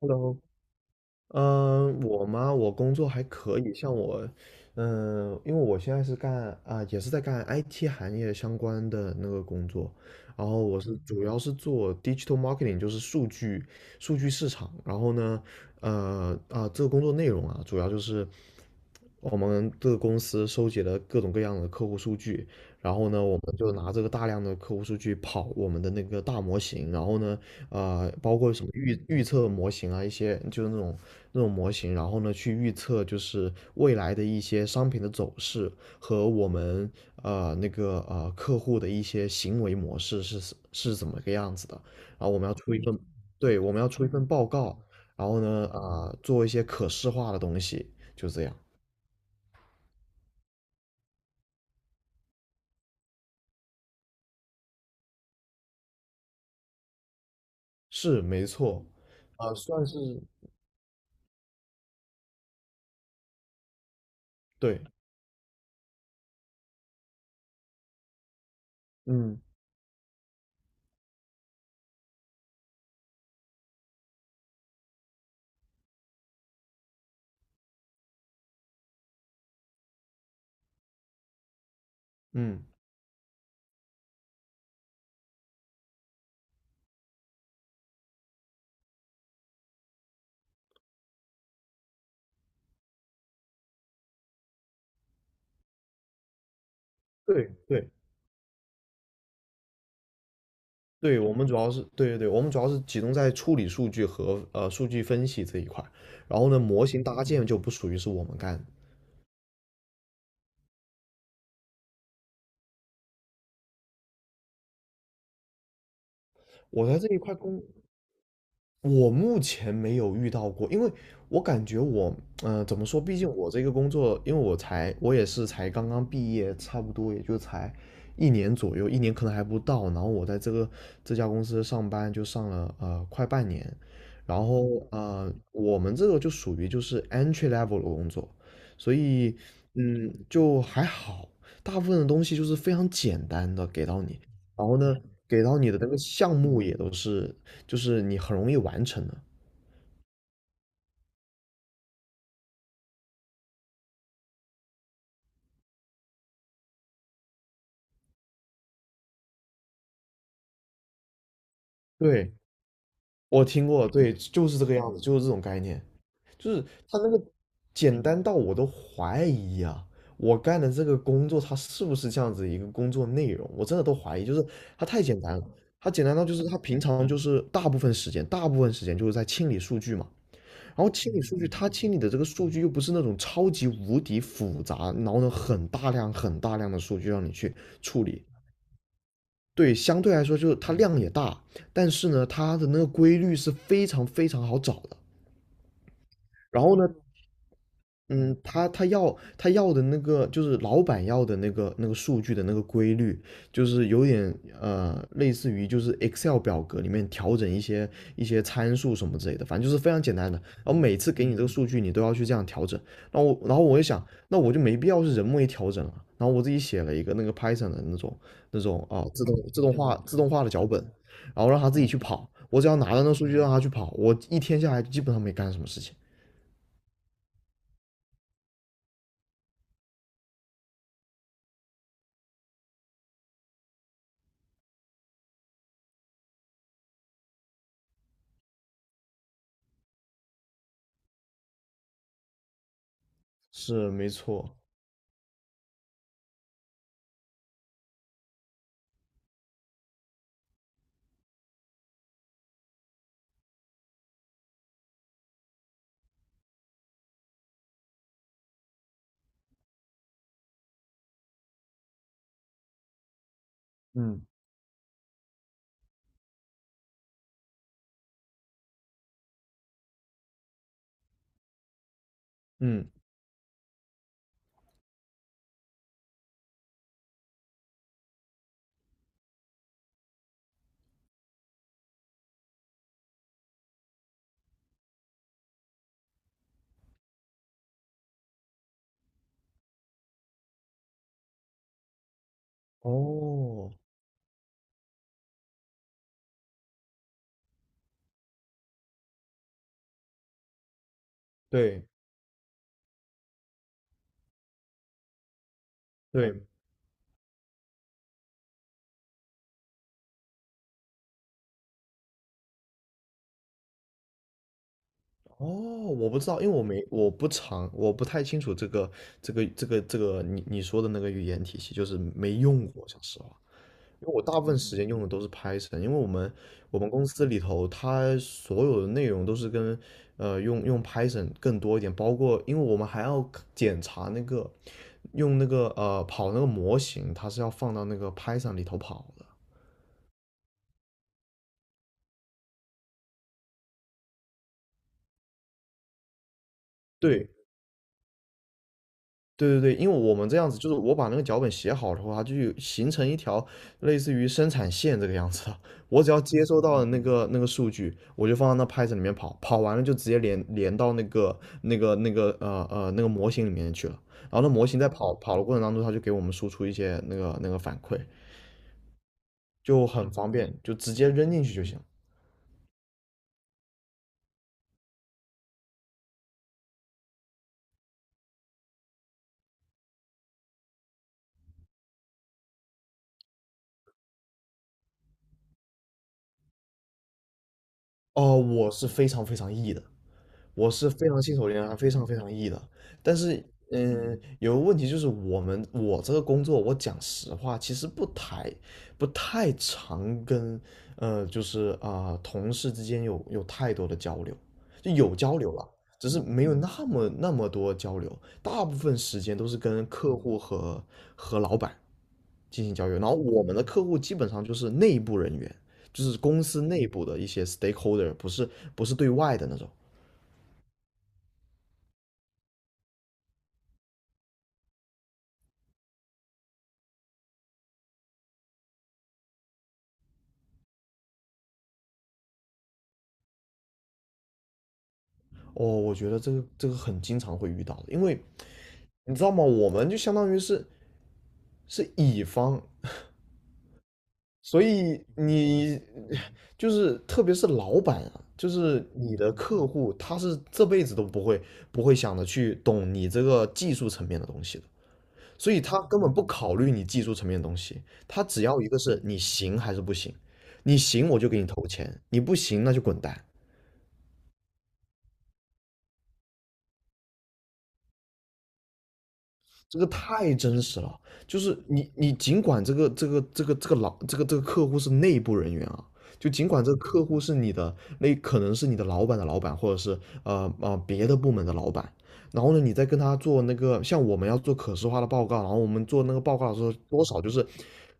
Hello。嗯。我吗？我工作还可以，像我，因为我现在是干啊、也是在干 IT 行业相关的那个工作。然后我是主要是做 digital marketing，就是数据市场。然后呢，这个工作内容啊，主要就是我们这个公司收集了各种各样的客户数据。然后呢，我们就拿这个大量的客户数据跑我们的那个大模型。然后呢，包括什么预测模型啊，一些就是那种模型。然后呢，去预测就是未来的一些商品的走势和我们那个客户的一些行为模式是怎么个样子的。然后我们要出一份。对，我们要出一份报告。然后呢，做一些可视化的东西，就这样。是没错，算是对。嗯嗯，对对对，我们主要是对对对，我们主要是集中在处理数据和数据分析这一块儿。然后呢，模型搭建就不属于是我们干的。我在这一块工我目前没有遇到过，因为我感觉我，怎么说？毕竟我这个工作，因为我才，我也是才刚刚毕业，差不多也就才一年左右，一年可能还不到。然后我在这个这家公司上班，就上了快半年。然后我们这个就属于就是 entry level 的工作。所以就还好，大部分的东西就是非常简单的给到你。然后呢，给到你的那个项目也都是就是你很容易完成的。对，我听过，对，就是这个样子，就是这种概念。就是他那个简单到我都怀疑啊。我干的这个工作它是不是这样子一个工作内容，我真的都怀疑。就是它太简单了。它简单到就是他平常就是大部分时间就是在清理数据嘛。然后清理数据，他清理的这个数据又不是那种超级无敌复杂。然后呢很大量很大量的数据让你去处理。对，相对来说就是它量也大，但是呢，它的那个规律是非常非常好找的。然后呢，嗯，他要的那个就是老板要的那个数据的那个规律。就是有点类似于就是 Excel 表格里面调整一些参数什么之类的，反正就是非常简单的。然后每次给你这个数据，你都要去这样调整。那我然后我就想，那我就没必要是人为调整了。然后我自己写了一个那个 Python 的那种自动化的脚本。然后让他自己去跑。我只要拿到那个数据让他去跑，我一天下来基本上没干什么事情。是没错。嗯。嗯，哦，对对。哦，我不知道，因为我没我不常我不太清楚这个你说的那个语言体系，就是没用过，讲实话。因为我大部分时间用的都是 Python。因为我们公司里头它所有的内容都是跟用 Python 更多一点。包括因为我们还要检查那个用那个跑那个模型，它是要放到那个 Python 里头跑的。对，对对对。因为我们这样子，就是我把那个脚本写好的话，它就有形成一条类似于生产线这个样子的。我只要接收到了那个数据，我就放到那 Python 里面跑，跑完了就直接连到那个模型里面去了。然后那模型在跑的过程当中，它就给我们输出一些那个反馈。就很方便，就直接扔进去就行。哦，我是非常非常 E 的。我是非常信手拈来，非常非常 E 的。但是，有个问题就是我们我这个工作，我讲实话，其实不太常跟就是同事之间有太多的交流。就有交流了，只是没有那么多交流。大部分时间都是跟客户和老板进行交流。然后我们的客户基本上就是内部人员，就是公司内部的一些 stakeholder，不是对外的那种。哦，我觉得这个很经常会遇到的，因为你知道吗？我们就相当于是乙方。所以你就是特别是老板啊，就是你的客户。他是这辈子都不会想着去懂你这个技术层面的东西的。所以他根本不考虑你技术层面的东西。他只要一个是你行还是不行，你行我就给你投钱，你不行那就滚蛋。这个太真实了。就是你尽管这个这个这个这个老这个这个客户是内部人员啊。就尽管这个客户是你的那可能是你的老板的老板，或者是别的部门的老板。然后呢你再跟他做那个像我们要做可视化的报告。然后我们做那个报告的时候，多少就是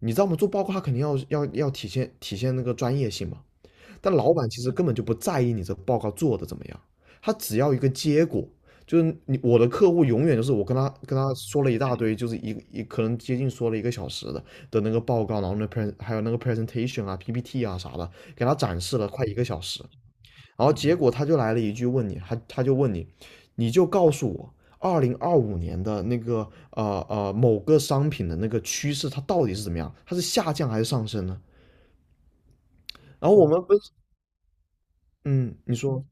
你知道我们做报告。他肯定要体现那个专业性嘛。但老板其实根本就不在意你这报告做的怎么样，他只要一个结果。就是你我的客户永远就是我跟他说了一大堆。就是可能接近说了一个小时的那个报告。然后那 pre 还有那个 presentation 啊、PPT 啊啥的，给他展示了快一个小时。然后结果他就来了一句问你，他就问你，你就告诉我2025年的那个某个商品的那个趋势它到底是怎么样，它是下降还是上升呢？然后我们分，嗯，你说。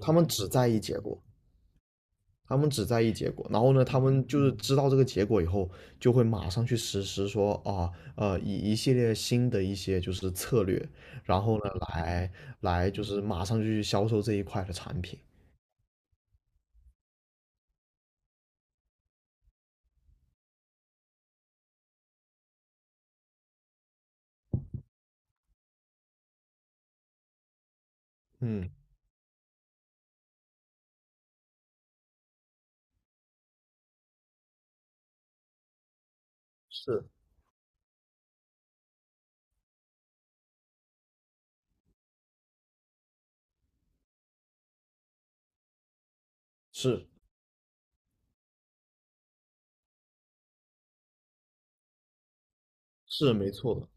他们只在意结果，他们只在意结果。然后呢，他们就是知道这个结果以后，就会马上去实施说啊，以一系列新的一些就是策略。然后呢，来就是马上就去销售这一块的产品。嗯，是是是，没错的。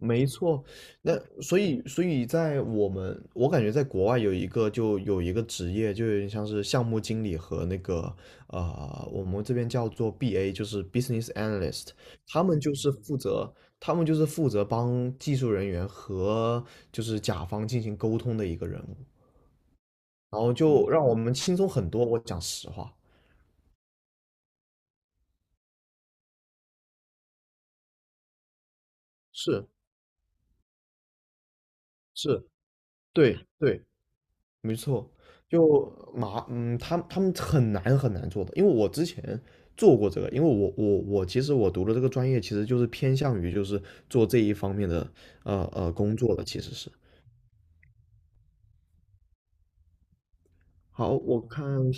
没错，那所以在我们，我感觉在国外有一个就有一个职业，就有点像是项目经理和那个我们这边叫做 BA，就是 Business Analyst。他们就是负责，他们就是负责帮技术人员和就是甲方进行沟通的一个人物。然后就让我们轻松很多，我讲实话。是是，对对，没错。他们很难很难做的。因为我之前做过这个，因为我其实我读的这个专业其实就是偏向于就是做这一方面的工作的，其实是。好，我看，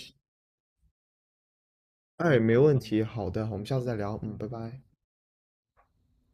哎，没问题，好的，我们下次再聊，嗯，拜拜。